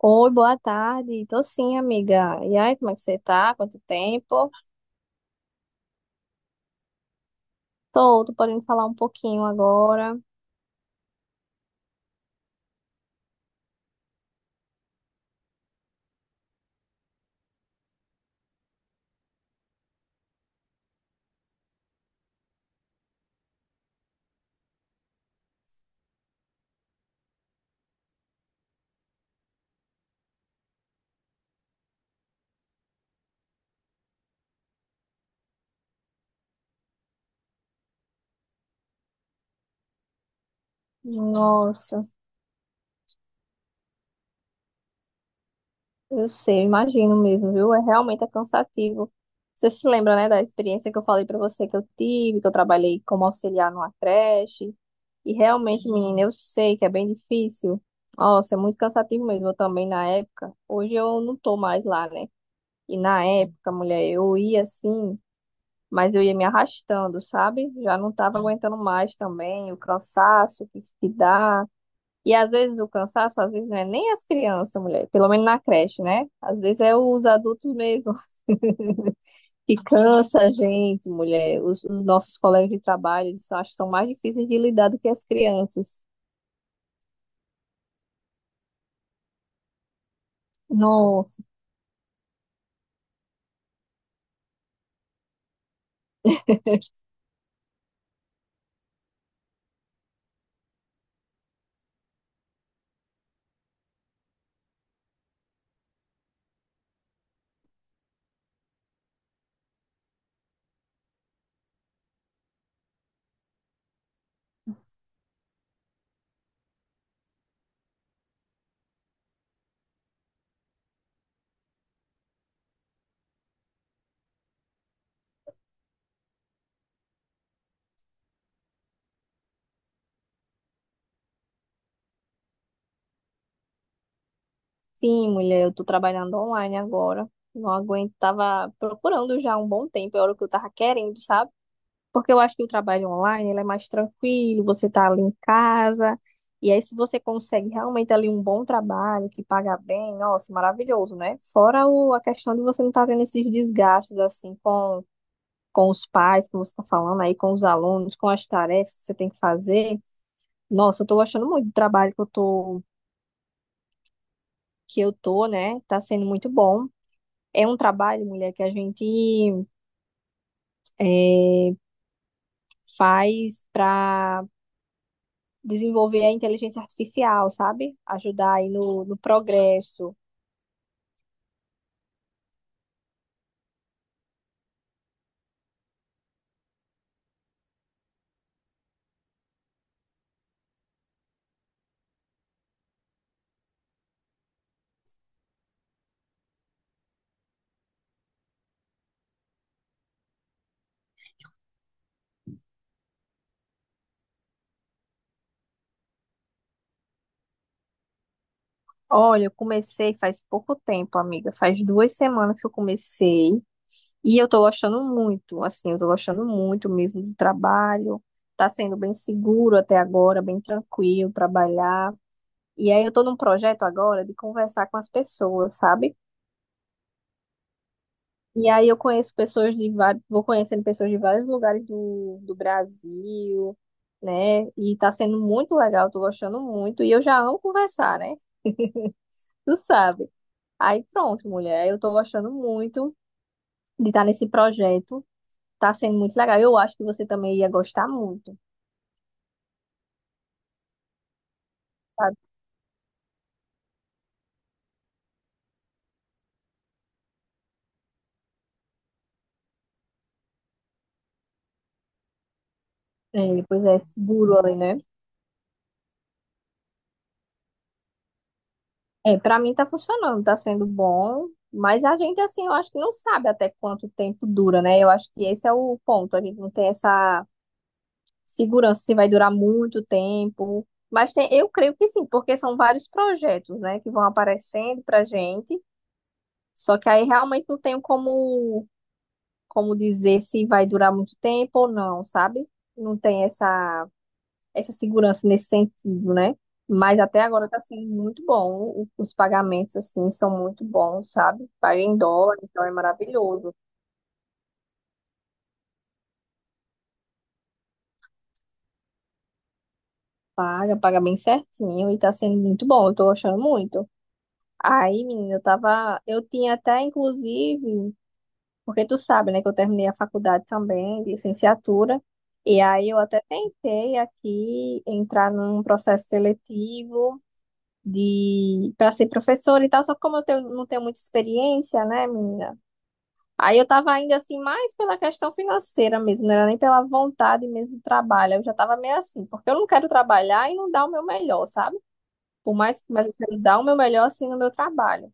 Oi, boa tarde. Tô sim, amiga. E aí, como é que você tá? Quanto tempo? Tô podendo falar um pouquinho agora. Nossa, eu sei, eu imagino mesmo, viu? Realmente é cansativo. Você se lembra, né, da experiência que eu falei pra você que eu tive, que eu trabalhei como auxiliar numa creche? E realmente, menina, eu sei que é bem difícil. Nossa, é muito cansativo mesmo. Eu também na época. Hoje eu não tô mais lá, né? E na época, mulher, eu ia assim, mas eu ia me arrastando, sabe? Já não estava aguentando mais também, o cansaço que dá. E às vezes o cansaço, às vezes não é nem as crianças, mulher, pelo menos na creche, né? Às vezes é os adultos mesmo que cansa a gente, mulher. Os nossos colegas de trabalho, eles acho que são mais difíceis de lidar do que as crianças. Nossa. Sim, mulher, eu tô trabalhando online agora. Não aguento, tava procurando já há um bom tempo, era o que eu tava querendo, sabe? Porque eu acho que o trabalho online, ele é mais tranquilo, você tá ali em casa, e aí se você consegue realmente ali um bom trabalho, que paga bem, nossa, maravilhoso, né? Fora o, a questão de você não tá tendo esses desgastes, assim, com os pais, que você tá falando aí, com os alunos, com as tarefas que você tem que fazer. Nossa, eu tô gostando muito do trabalho que eu tô, né? Tá sendo muito bom. É um trabalho, mulher, que a gente é, faz para desenvolver a inteligência artificial, sabe? Ajudar aí no, no progresso. Olha, eu comecei faz pouco tempo, amiga. Faz duas semanas que eu comecei e eu tô gostando muito, assim, eu tô gostando muito mesmo do trabalho. Tá sendo bem seguro até agora, bem tranquilo trabalhar. E aí eu tô num projeto agora de conversar com as pessoas, sabe? E aí eu conheço pessoas de vários, vou conhecendo pessoas de vários lugares do Brasil, né? E tá sendo muito legal, tô gostando muito. E eu já amo conversar, né? Tu sabe. Aí pronto, mulher, eu tô gostando muito de estar nesse projeto. Tá sendo muito legal. Eu acho que você também ia gostar muito, sabe? É, pois é, seguro ali, né? É, pra mim tá funcionando, tá sendo bom. Mas a gente, assim, eu acho que não sabe até quanto tempo dura, né? Eu acho que esse é o ponto. A gente não tem essa segurança se vai durar muito tempo. Mas tem, eu creio que sim, porque são vários projetos, né, que vão aparecendo pra gente. Só que aí realmente não tenho como, como dizer se vai durar muito tempo ou não, sabe? Não tem essa, essa segurança nesse sentido, né? Mas até agora tá sendo muito bom. Os pagamentos, assim, são muito bons, sabe? Paga em dólar, então é maravilhoso. Paga bem certinho e tá sendo muito bom. Eu tô achando muito. Aí, menina, eu tava. Eu tinha até, inclusive, porque tu sabe, né, que eu terminei a faculdade também, de licenciatura, e aí eu até tentei aqui entrar num processo seletivo de para ser professora e tal, só que não tenho muita experiência, né, menina? Aí eu tava ainda assim, mais pela questão financeira mesmo, não era nem pela vontade mesmo do trabalho. Eu já tava meio assim, porque eu não quero trabalhar e não dar o meu melhor, sabe? Mas eu quero dar o meu melhor assim no meu trabalho.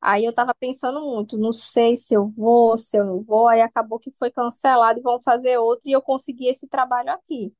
Aí eu tava pensando muito, não sei se eu vou, se eu não vou, aí acabou que foi cancelado e vão fazer outro e eu consegui esse trabalho aqui.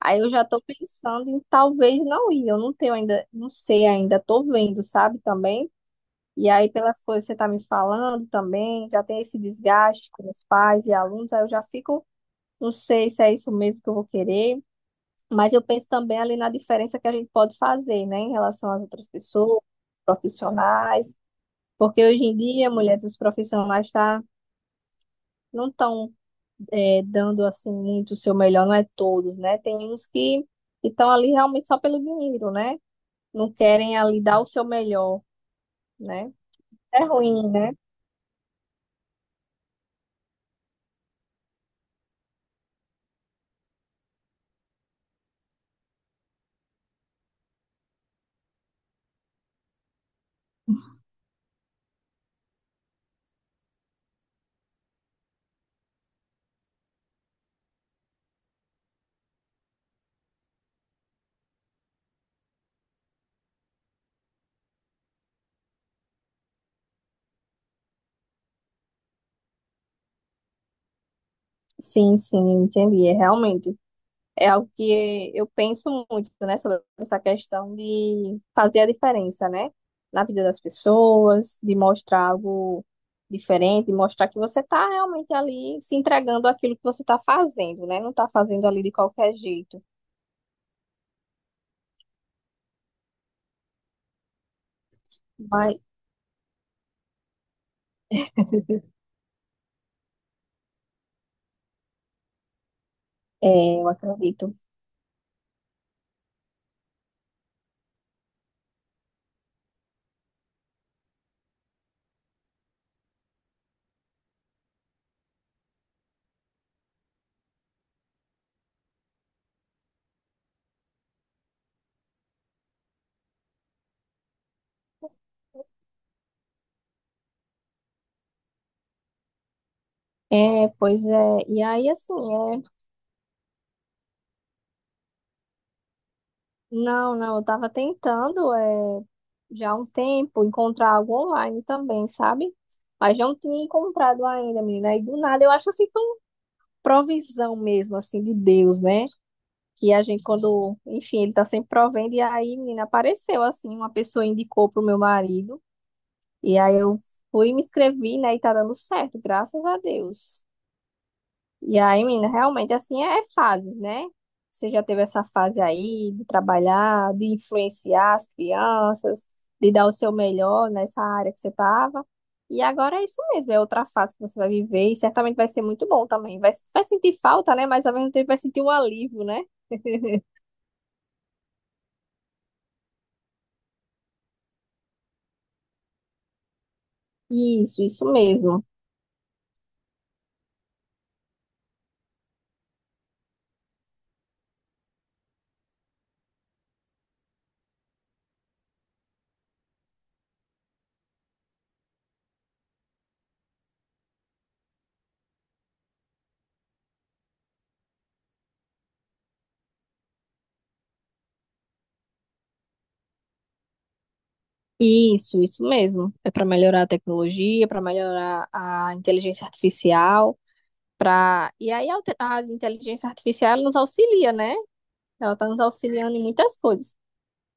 Aí eu já tô pensando em talvez não ir, eu não tenho ainda, não sei ainda, tô vendo, sabe, também. E aí pelas coisas que você tá me falando também, já tem esse desgaste com os pais e alunos, aí eu já fico, não sei se é isso mesmo que eu vou querer, mas eu penso também ali na diferença que a gente pode fazer, né, em relação às outras pessoas, profissionais. Porque hoje em dia, mulheres, não estão dando assim muito o seu melhor, não é todos, né? Tem uns que estão ali realmente só pelo dinheiro, né? Não querem ali dar o seu melhor, né? É ruim, né? Sim, entendi. É realmente é algo que eu penso muito, né, sobre essa questão de fazer a diferença, né, na vida das pessoas, de mostrar algo diferente, mostrar que você está realmente ali se entregando àquilo que você está fazendo, né, não está fazendo ali de qualquer jeito. Mas, eu acredito. É, pois é. E aí, assim, não, não, eu estava tentando, já há um tempo encontrar algo online também, sabe? Mas não tinha encontrado ainda, menina. E do nada, eu acho assim, provisão mesmo, assim, de Deus, né? Que a gente, quando, enfim, ele tá sempre provendo, e aí, menina, apareceu, assim, uma pessoa indicou pro meu marido, e aí eu fui, me inscrevi, né, e tá dando certo, graças a Deus. E aí, menina, realmente assim é fases, né? Você já teve essa fase aí de trabalhar, de influenciar as crianças, de dar o seu melhor nessa área que você estava. E agora é isso mesmo, é outra fase que você vai viver e certamente vai ser muito bom também. Vai sentir falta, né? Mas ao mesmo tempo vai sentir um alívio, né? Isso, isso mesmo. Isso, isso mesmo. É para melhorar a tecnologia, para melhorar a inteligência artificial, para. E aí a inteligência artificial ela nos auxilia, né? Ela está nos auxiliando em muitas coisas.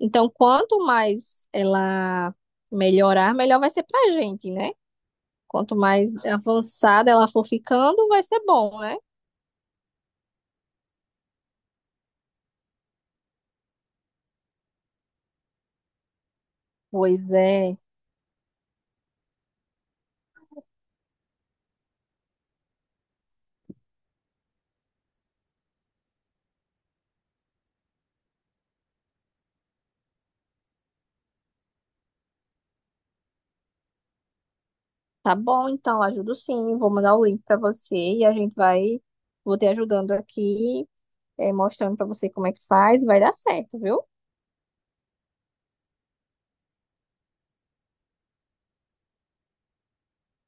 Então, quanto mais ela melhorar, melhor vai ser pra gente, né? Quanto mais avançada ela for ficando, vai ser bom, né? Pois é. Tá bom, então, ajudo sim. Vou mandar o link pra você e a gente vai. Vou te ajudando aqui, mostrando pra você como é que faz. Vai dar certo, viu?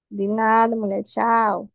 De nada, mulher. Tchau.